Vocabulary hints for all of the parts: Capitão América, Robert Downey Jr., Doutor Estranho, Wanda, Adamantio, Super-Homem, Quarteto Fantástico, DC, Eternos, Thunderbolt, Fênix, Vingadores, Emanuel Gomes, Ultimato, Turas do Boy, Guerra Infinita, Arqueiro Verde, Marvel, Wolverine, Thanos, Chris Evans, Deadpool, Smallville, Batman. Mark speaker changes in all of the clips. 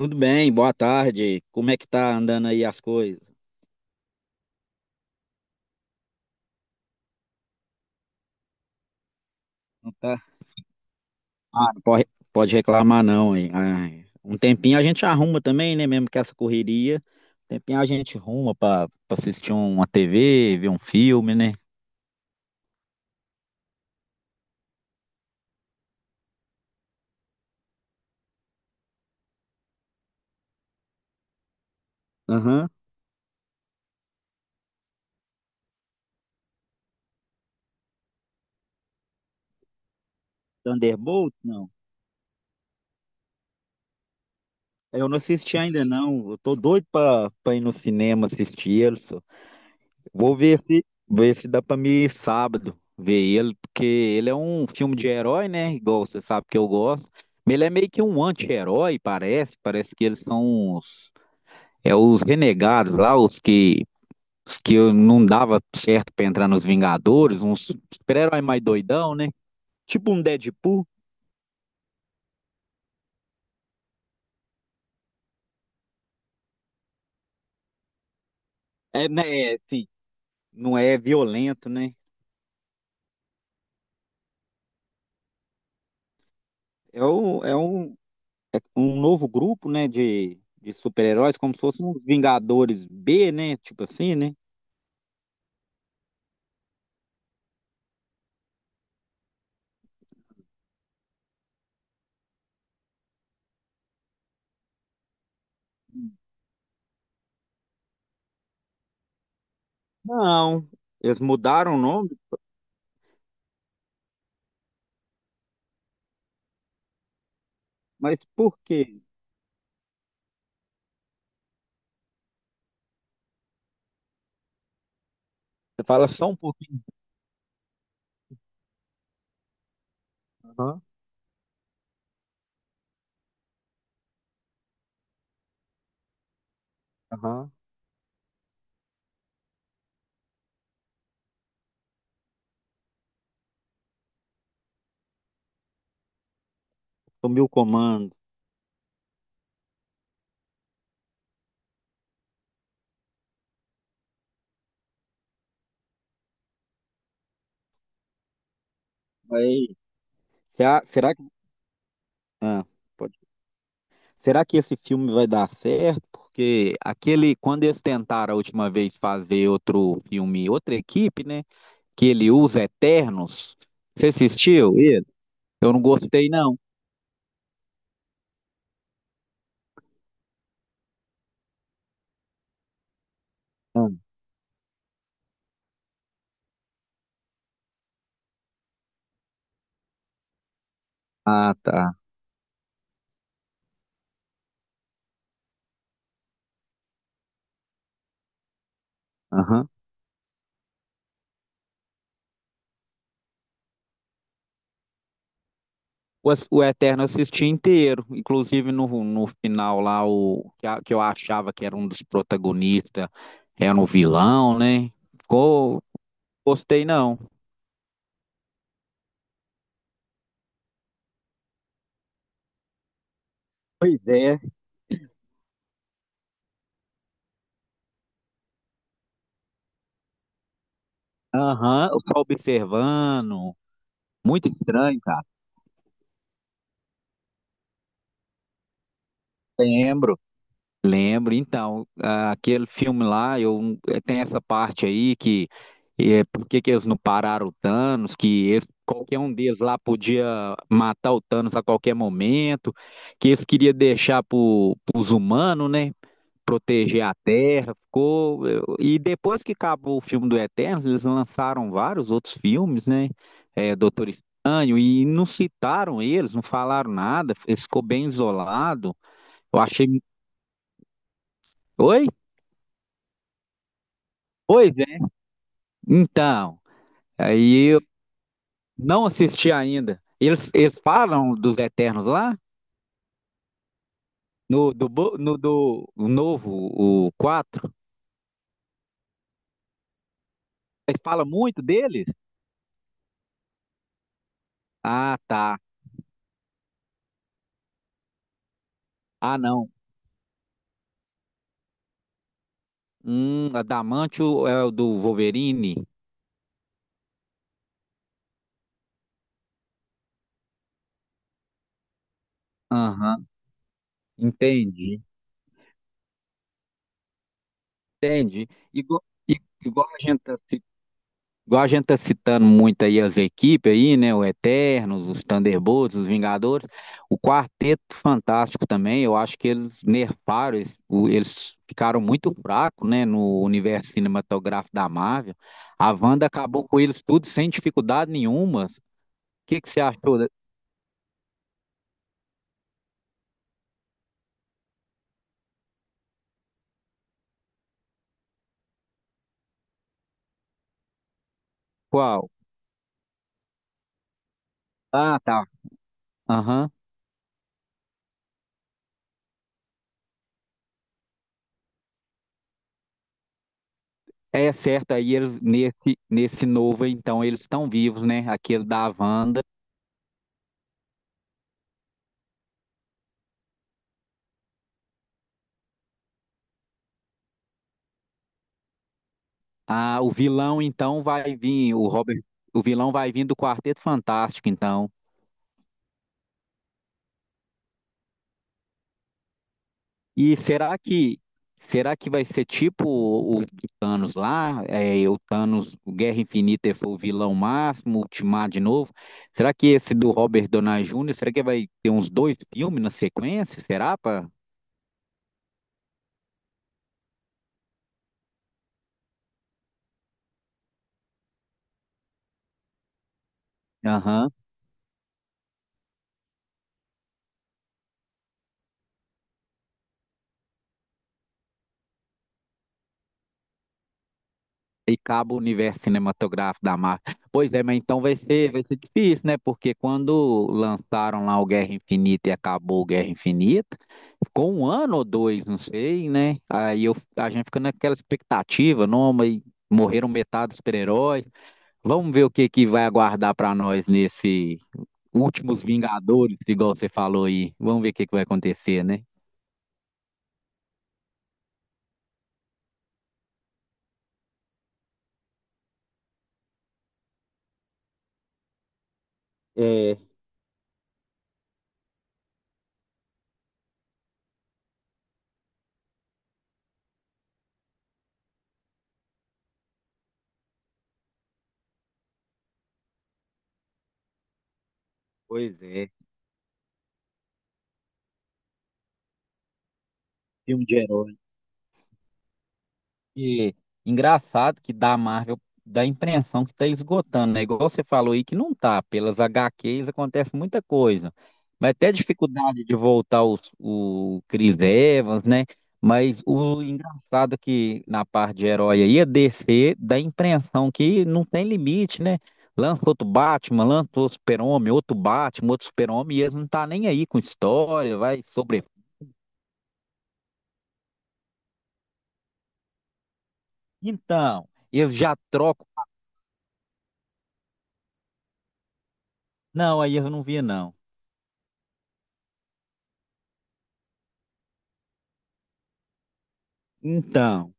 Speaker 1: Tudo bem, boa tarde. Como é que tá andando aí as coisas? Não tá? Ah, não pode, pode reclamar não, hein? Ai, um tempinho a gente arruma também, né? Mesmo que essa correria, um tempinho a gente arruma pra assistir uma TV, ver um filme, né? Aham. Thunderbolt? Não. Eu não assisti ainda não. Eu tô doido pra ir no cinema assistir ele. Vou ver se dá pra mim ir sábado ver ele, porque ele é um filme de herói, né? Igual você sabe que eu gosto. Mas ele é meio que um anti-herói, parece. Parece que eles são os renegados lá, os que eu não dava certo pra entrar nos Vingadores, uns super-herói mais doidão, né? Tipo um Deadpool. É, né? É, assim, não é violento, né? É um, é um, é um novo grupo, né? De super-heróis, como se fossem os Vingadores B, né? Tipo assim, né? Não, eles mudaram o nome, mas por quê? Você fala só um pouquinho. Aham, aham. Sumiu o comando. Aí, será que. Ah, pode. Será que esse filme vai dar certo? Porque aquele, quando eles tentaram a última vez fazer outro filme, outra equipe, né? Que ele usa Eternos. Você assistiu ele? Eu não gostei, não. Ah, Ah, tá. Aham. O, o Eterno eu assisti inteiro, inclusive no final lá, que eu achava que era um dos protagonistas, era um vilão, né? Ficou, gostei não. Pois é. Aham, eu só observando. Muito estranho, cara. Lembro. Lembro, então, ah, aquele filme lá, tem essa parte aí que é, por que que eles não pararam o Thanos, qualquer um deles lá podia matar o Thanos a qualquer momento, que eles queriam deixar para os humanos, né, proteger a Terra, e depois que acabou o filme do Eternos, eles lançaram vários outros filmes, né, é, Doutor Estranho, e não citaram eles, não falaram nada, ficou bem isolado, eu achei... Oi? Pois é. Então, aí eu não assisti ainda. Eles falam dos Eternos lá, no do novo, o 4. Ele fala muito deles? Ah, tá. Ah, não. Adamantio é o do Wolverine. Aham, entendi. Entendi. I- igual a gente Igual a gente tá citando muito aí as equipes aí, né? O Eternos, os Thunderbolts, os Vingadores, o Quarteto Fantástico também, eu acho que eles nerfaram, eles ficaram muito fracos, né? No universo cinematográfico da Marvel. A Wanda acabou com eles tudo sem dificuldade nenhuma. O que que você achou? Da- Qual? Ah, tá. Aham. É certo, aí eles nesse novo, então, eles estão vivos, né? Aquele da Wanda. Ah, o vilão então vai vir, o Robert, o vilão vai vir do Quarteto Fantástico, então. E será que vai ser tipo o Thanos lá? É, o Thanos, o Guerra Infinita foi o vilão máximo, o Ultimato de novo. Será que esse do Robert Downey Jr., será que vai ter uns dois filmes na sequência? Será, pá? E acaba o universo cinematográfico da Marvel. Pois é, mas então vai ser difícil, né? Porque quando lançaram lá o Guerra Infinita e acabou o Guerra Infinita, ficou um ano ou dois, não sei, né? Aí eu, a gente fica naquela expectativa, não, mas morreram metade dos super-heróis. Vamos ver o que que vai aguardar para nós nesse Últimos Vingadores, igual você falou aí. Vamos ver o que que vai acontecer, né? É, Pois é, filme de herói. E engraçado que da Marvel dá a impressão que tá esgotando, né? Igual você falou aí que não tá. Pelas HQs acontece muita coisa. Mas até dificuldade de voltar os, o Chris Evans, né? Mas o engraçado que na parte de herói aí, a DC dá a impressão que não tem limite, né? Lança outro Batman, lança outro Super-Homem, outro Batman, outro Super-Homem, e eles não tá nem aí com história, vai sobre. Então, eles já trocam. Não, aí eu não vi, não. Então,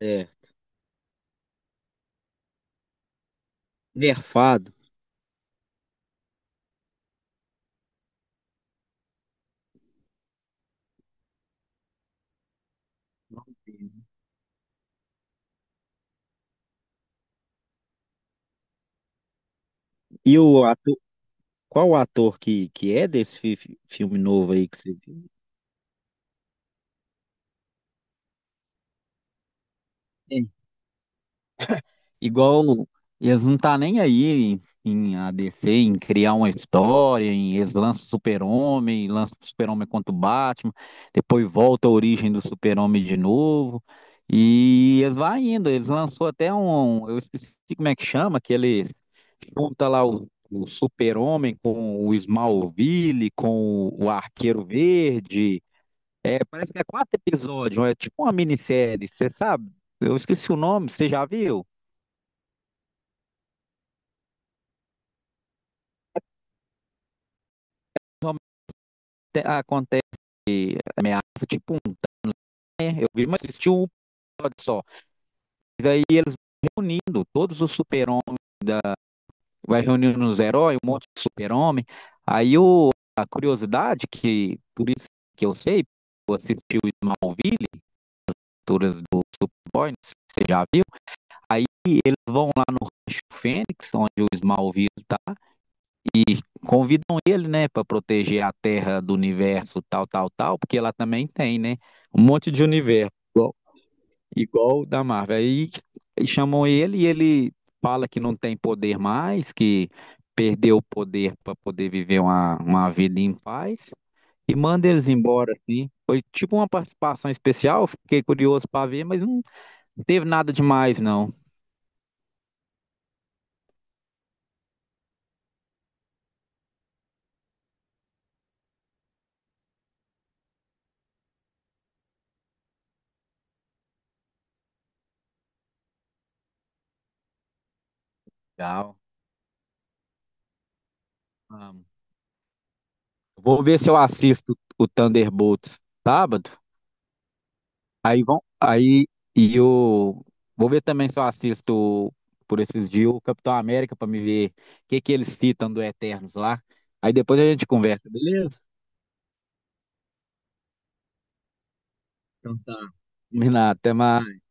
Speaker 1: é, nerfado. E o ator, qual o ator que é desse filme novo aí que você viu? Igual eles não tá nem aí em ADC, em criar uma história, em eles lançam o Super-Homem contra o Batman, depois volta a origem do Super-Homem de novo. E eles vai indo, eles lançou até um, eu esqueci como é que chama, que eles junta lá o Super-Homem com o Smallville, com o Arqueiro Verde. É, parece que é quatro episódios, é tipo uma minissérie, você sabe? Eu esqueci o nome, você já viu? Te- um, eu vi, mas existiu um episódio só. E daí eles reunindo todos os super-homens, vai reunindo os heróis, um monte de super-homem. Aí o, a curiosidade, que por isso que eu sei, eu assisti o Smallville, Turas do Boy, não sei se você já viu, aí eles vão lá no Fênix, onde o Smallville tá, convidam ele, né, para proteger a Terra do universo, tal, tal, tal, porque ela também tem, né, um monte de universo. Igual o da Marvel. Aí e chamam ele e ele fala que não tem poder mais, que perdeu o poder para poder viver uma vida em paz e manda eles embora, assim. Foi tipo uma participação especial, fiquei curioso para ver, mas não teve nada demais, não. Legal. Vamos. Vou ver se eu assisto o Thunderbolts sábado. Aí vão, aí e eu vou ver também se eu assisto por esses dias o Capitão América para me ver o que que eles citam do Eternos lá. Aí depois a gente conversa, beleza? Então tá. Combinado, até mais.